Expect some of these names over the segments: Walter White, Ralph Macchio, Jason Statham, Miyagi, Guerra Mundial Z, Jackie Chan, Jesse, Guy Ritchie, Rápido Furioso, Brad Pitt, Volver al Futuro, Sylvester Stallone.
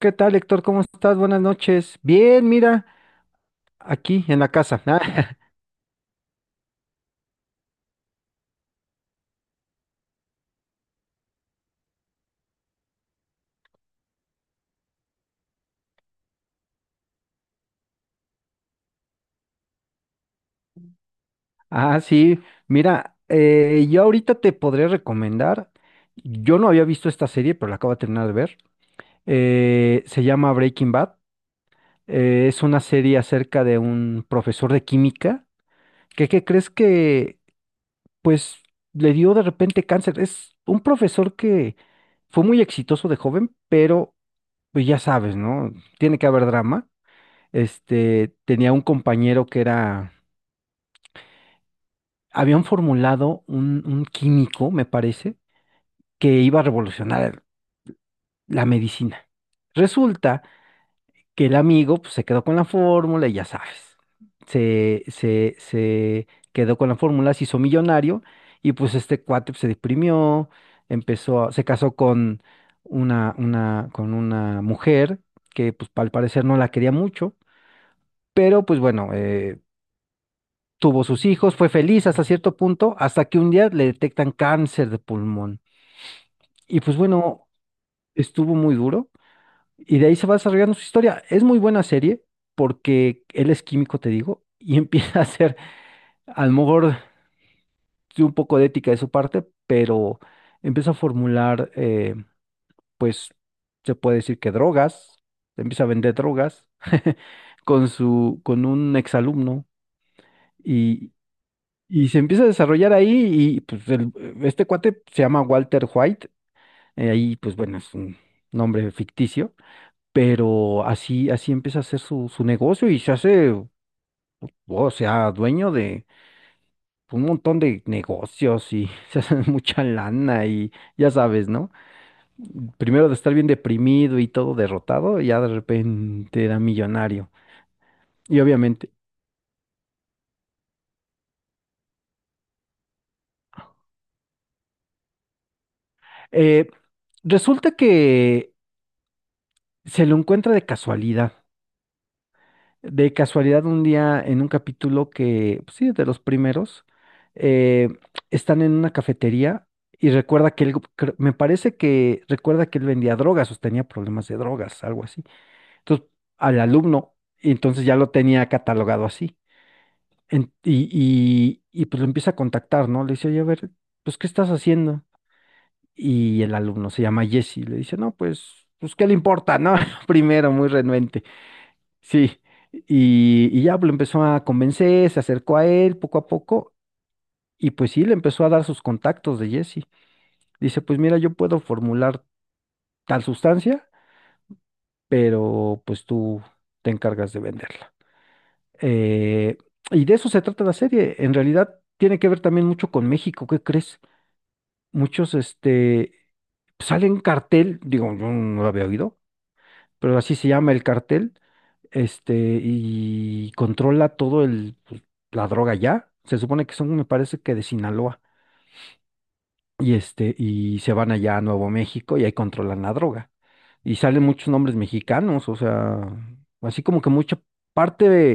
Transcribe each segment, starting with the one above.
¿Qué tal, Héctor? ¿Cómo estás? Buenas noches. Bien, mira, aquí en la casa. Ah, sí, mira, yo ahorita te podré recomendar. Yo no había visto esta serie, pero la acabo de terminar de ver. Se llama Breaking Bad. Es una serie acerca de un profesor de química que, ¿qué crees que, pues, le dio de repente cáncer? Es un profesor que fue muy exitoso de joven, pero, pues ya sabes, ¿no? Tiene que haber drama. Este, tenía un compañero que era, habían formulado un químico, me parece, que iba a revolucionar la medicina. Resulta que el amigo pues, se quedó con la fórmula y ya sabes, se quedó con la fórmula, se hizo millonario y pues este cuate pues, se deprimió, se casó con con una mujer que pues al parecer no la quería mucho, pero pues bueno, tuvo sus hijos, fue feliz hasta cierto punto, hasta que un día le detectan cáncer de pulmón. Y pues bueno, estuvo muy duro. Y de ahí se va desarrollando su historia. Es muy buena serie porque él es químico, te digo, y empieza a hacer, a lo mejor, sí, un poco de ética de su parte, pero empieza a formular, pues, se puede decir que drogas, empieza a vender drogas con un exalumno. Y, Y se empieza a desarrollar ahí y pues este cuate se llama Walter White. Ahí pues bueno, es un nombre ficticio, pero así empieza a hacer su negocio y se hace, o sea, dueño de un montón de negocios, y se hace mucha lana y ya sabes, ¿no? Primero de estar bien deprimido y todo derrotado, ya de repente era millonario. Y obviamente, eh, resulta que se lo encuentra de casualidad. De casualidad, un día en un capítulo que, pues sí, de los primeros, eh, están en una cafetería y recuerda que él, me parece que recuerda que él vendía drogas o tenía problemas de drogas, algo así. Entonces, al alumno, y entonces ya lo tenía catalogado así. Y pues lo empieza a contactar, ¿no? Le dice, oye, a ver, pues, ¿qué estás haciendo? Y el alumno se llama Jesse, le dice, no, pues, ¿qué le importa, no? Primero, muy renuente. Sí, y ya pues, lo empezó a convencer, se acercó a él poco a poco, y pues sí, le empezó a dar sus contactos de Jesse. Dice, pues mira, yo puedo formular tal sustancia, pero pues tú te encargas de venderla. Eh, y de eso se trata la serie. En realidad tiene que ver también mucho con México, ¿qué crees? Muchos, este, sale un cartel, digo, yo no lo había oído, pero así se llama el cartel este, y controla todo el, pues, la droga ya. Se supone que son, me parece que de Sinaloa. Y este, y se van allá a Nuevo México y ahí controlan la droga. Y salen muchos nombres mexicanos, o sea, así como que mucha parte de,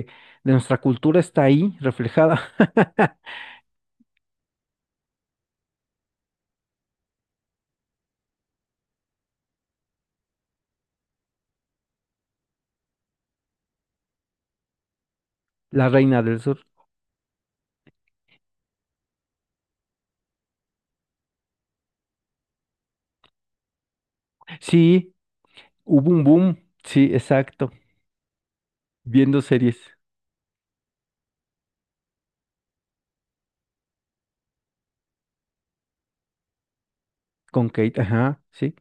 de nuestra cultura está ahí reflejada. La Reina del Sur. Sí, hubo un boom. Sí, exacto. Viendo series con Kate, ajá, sí.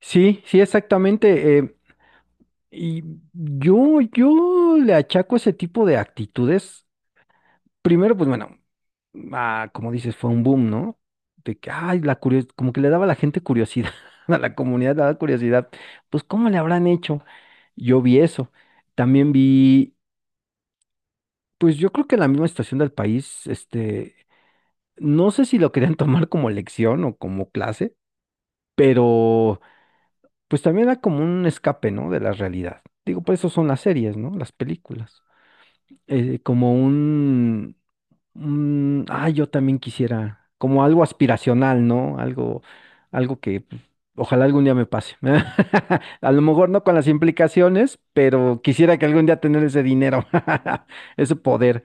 Sí, sí, exactamente. Y yo le achaco ese tipo de actitudes. Primero, pues bueno, ah, como dices, fue un boom, ¿no? De que, ay, la curios como que le daba a la gente curiosidad, a la comunidad le daba curiosidad. Pues, ¿cómo le habrán hecho? Yo vi eso. También vi, pues yo creo que en la misma estación del país, este, no sé si lo querían tomar como lección o como clase, pero pues también era como un escape, ¿no? De la realidad. Digo, por eso son las series, ¿no? Las películas. Como un, yo también quisiera, como algo aspiracional, ¿no? Algo que pues, ojalá algún día me pase. A lo mejor no con las implicaciones, pero quisiera que algún día tener ese dinero, ese poder.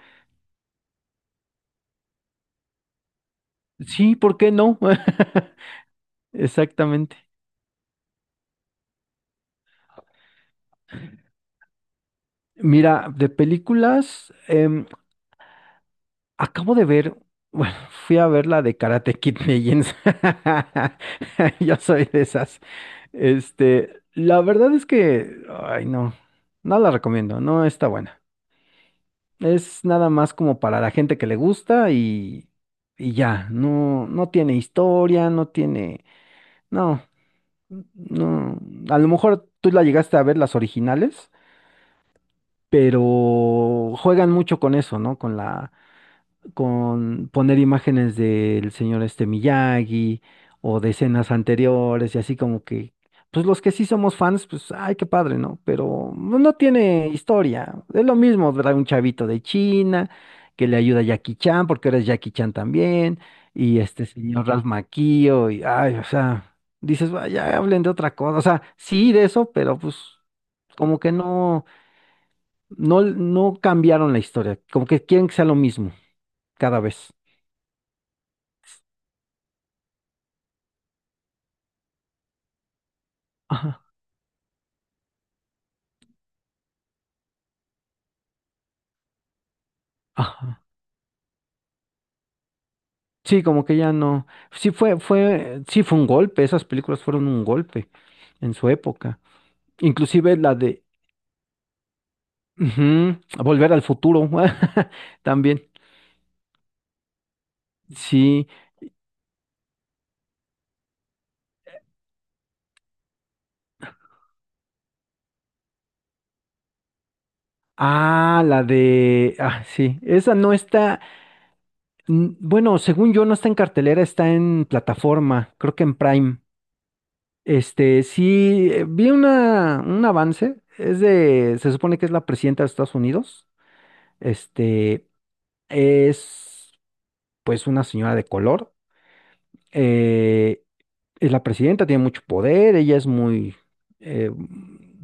Sí, ¿por qué no? Exactamente. Mira, de películas, acabo de ver, bueno, fui a ver la de Karate Kid Legends. Yo soy de esas. Este, la verdad es que, ay, no, no la recomiendo, no está buena. Es nada más como para la gente que le gusta y ya, no, no tiene historia, no tiene, no, no, a lo mejor tú la llegaste a ver las originales, pero juegan mucho con eso, ¿no? Con poner imágenes del señor este Miyagi o de escenas anteriores y así como que, pues los que sí somos fans, pues, ay, qué padre, ¿no? Pero no tiene historia. Es lo mismo, ¿verdad? Un chavito de China que le ayuda a Jackie Chan, porque ahora es Jackie Chan también, y este señor Ralph Macchio, y, ay, o sea, dices, vaya, hablen de otra cosa. O sea, sí de eso, pero pues... Como que no cambiaron la historia, como que quieren que sea lo mismo cada vez. Ajá, ajá. Sí, como que ya no. Sí fue un golpe. Esas películas fueron un golpe en su época. Inclusive la de ujú, Volver al Futuro. También. Sí. Ah, la de. Ah, sí. Esa no está. Bueno, según yo, no está en cartelera, está en plataforma. Creo que en Prime. Este, sí, vi una, un avance. Es de. Se supone que es la presidenta de Estados Unidos. Este. Es. Pues una señora de color. eh, es la presidenta, tiene mucho poder, ella es muy, eh,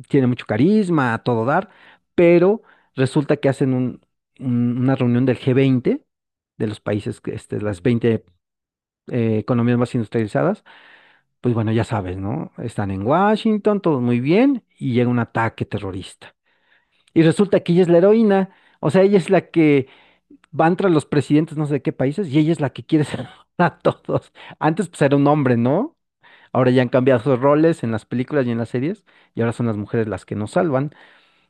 tiene mucho carisma, a todo dar, pero resulta que hacen una reunión del G20 de los países, que, este, las 20 economías más industrializadas. Pues bueno, ya sabes, ¿no? Están en Washington, todo muy bien, y llega un ataque terrorista. Y resulta que ella es la heroína, o sea, ella es la que van tras los presidentes no sé de qué países y ella es la que quiere salvar a todos. Antes pues era un hombre, ¿no? Ahora ya han cambiado sus roles en las películas y en las series y ahora son las mujeres las que nos salvan.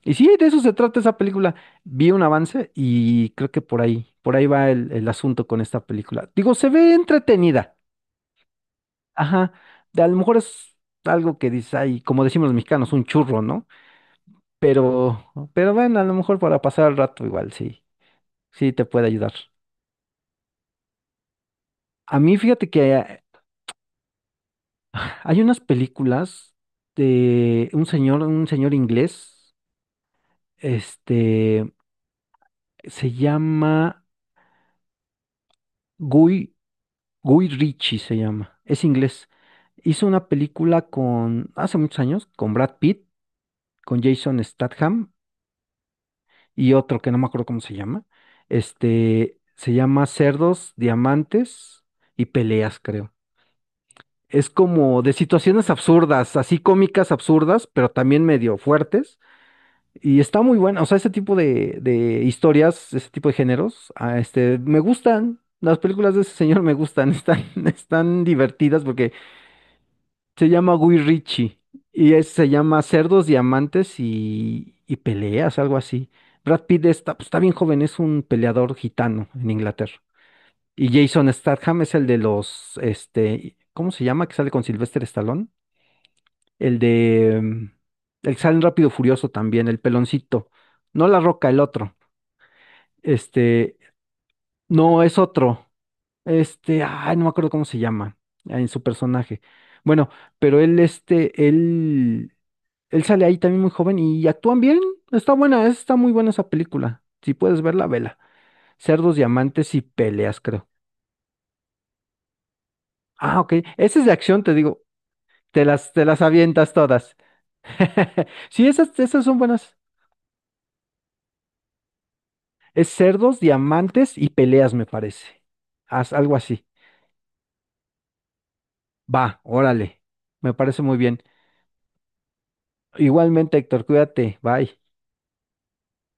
Y sí, de eso se trata esa película. Vi un avance y creo que por ahí va el asunto con esta película. Digo, se ve entretenida. Ajá. A lo mejor es algo que dice ay, como decimos los mexicanos, un churro, ¿no? Pero bueno, a lo mejor para pasar el rato igual, sí, sí te puede ayudar. A mí, fíjate que hay unas películas de un señor inglés, este, se llama Guy, Guy Ritchie se llama, es inglés. Hizo una película con, hace muchos años, con Brad Pitt, con Jason Statham y otro que no me acuerdo cómo se llama. Este, se llama Cerdos, Diamantes y Peleas, creo. Es como de situaciones absurdas, así cómicas absurdas, pero también medio fuertes. Y está muy buena, o sea, ese tipo de historias, ese tipo de géneros, ah, este, me gustan. Las películas de ese señor me gustan, están divertidas porque se llama Guy Ritchie y se llama Cerdos, Diamantes y Peleas, algo así. Brad Pitt está, pues, está bien joven, es un peleador gitano en Inglaterra. Y Jason Statham es el de los, este, ¿cómo se llama? Que sale con Sylvester Stallone. El de, el que sale en Rápido Furioso también, el peloncito. No La Roca, el otro. Este, no, es otro. Este, ay, no me acuerdo cómo se llama en su personaje. Bueno, pero él, este, él sale ahí también muy joven y actúan bien. Está buena, está muy buena esa película. Si puedes verla, vela. Cerdos, diamantes y peleas, creo. Ah, ok. Esa es de acción, te digo. Te las avientas todas. Sí, esas son buenas. Es cerdos, diamantes y peleas, me parece. Haz algo así. Va, órale. Me parece muy bien. Igualmente, Héctor, cuídate, bye.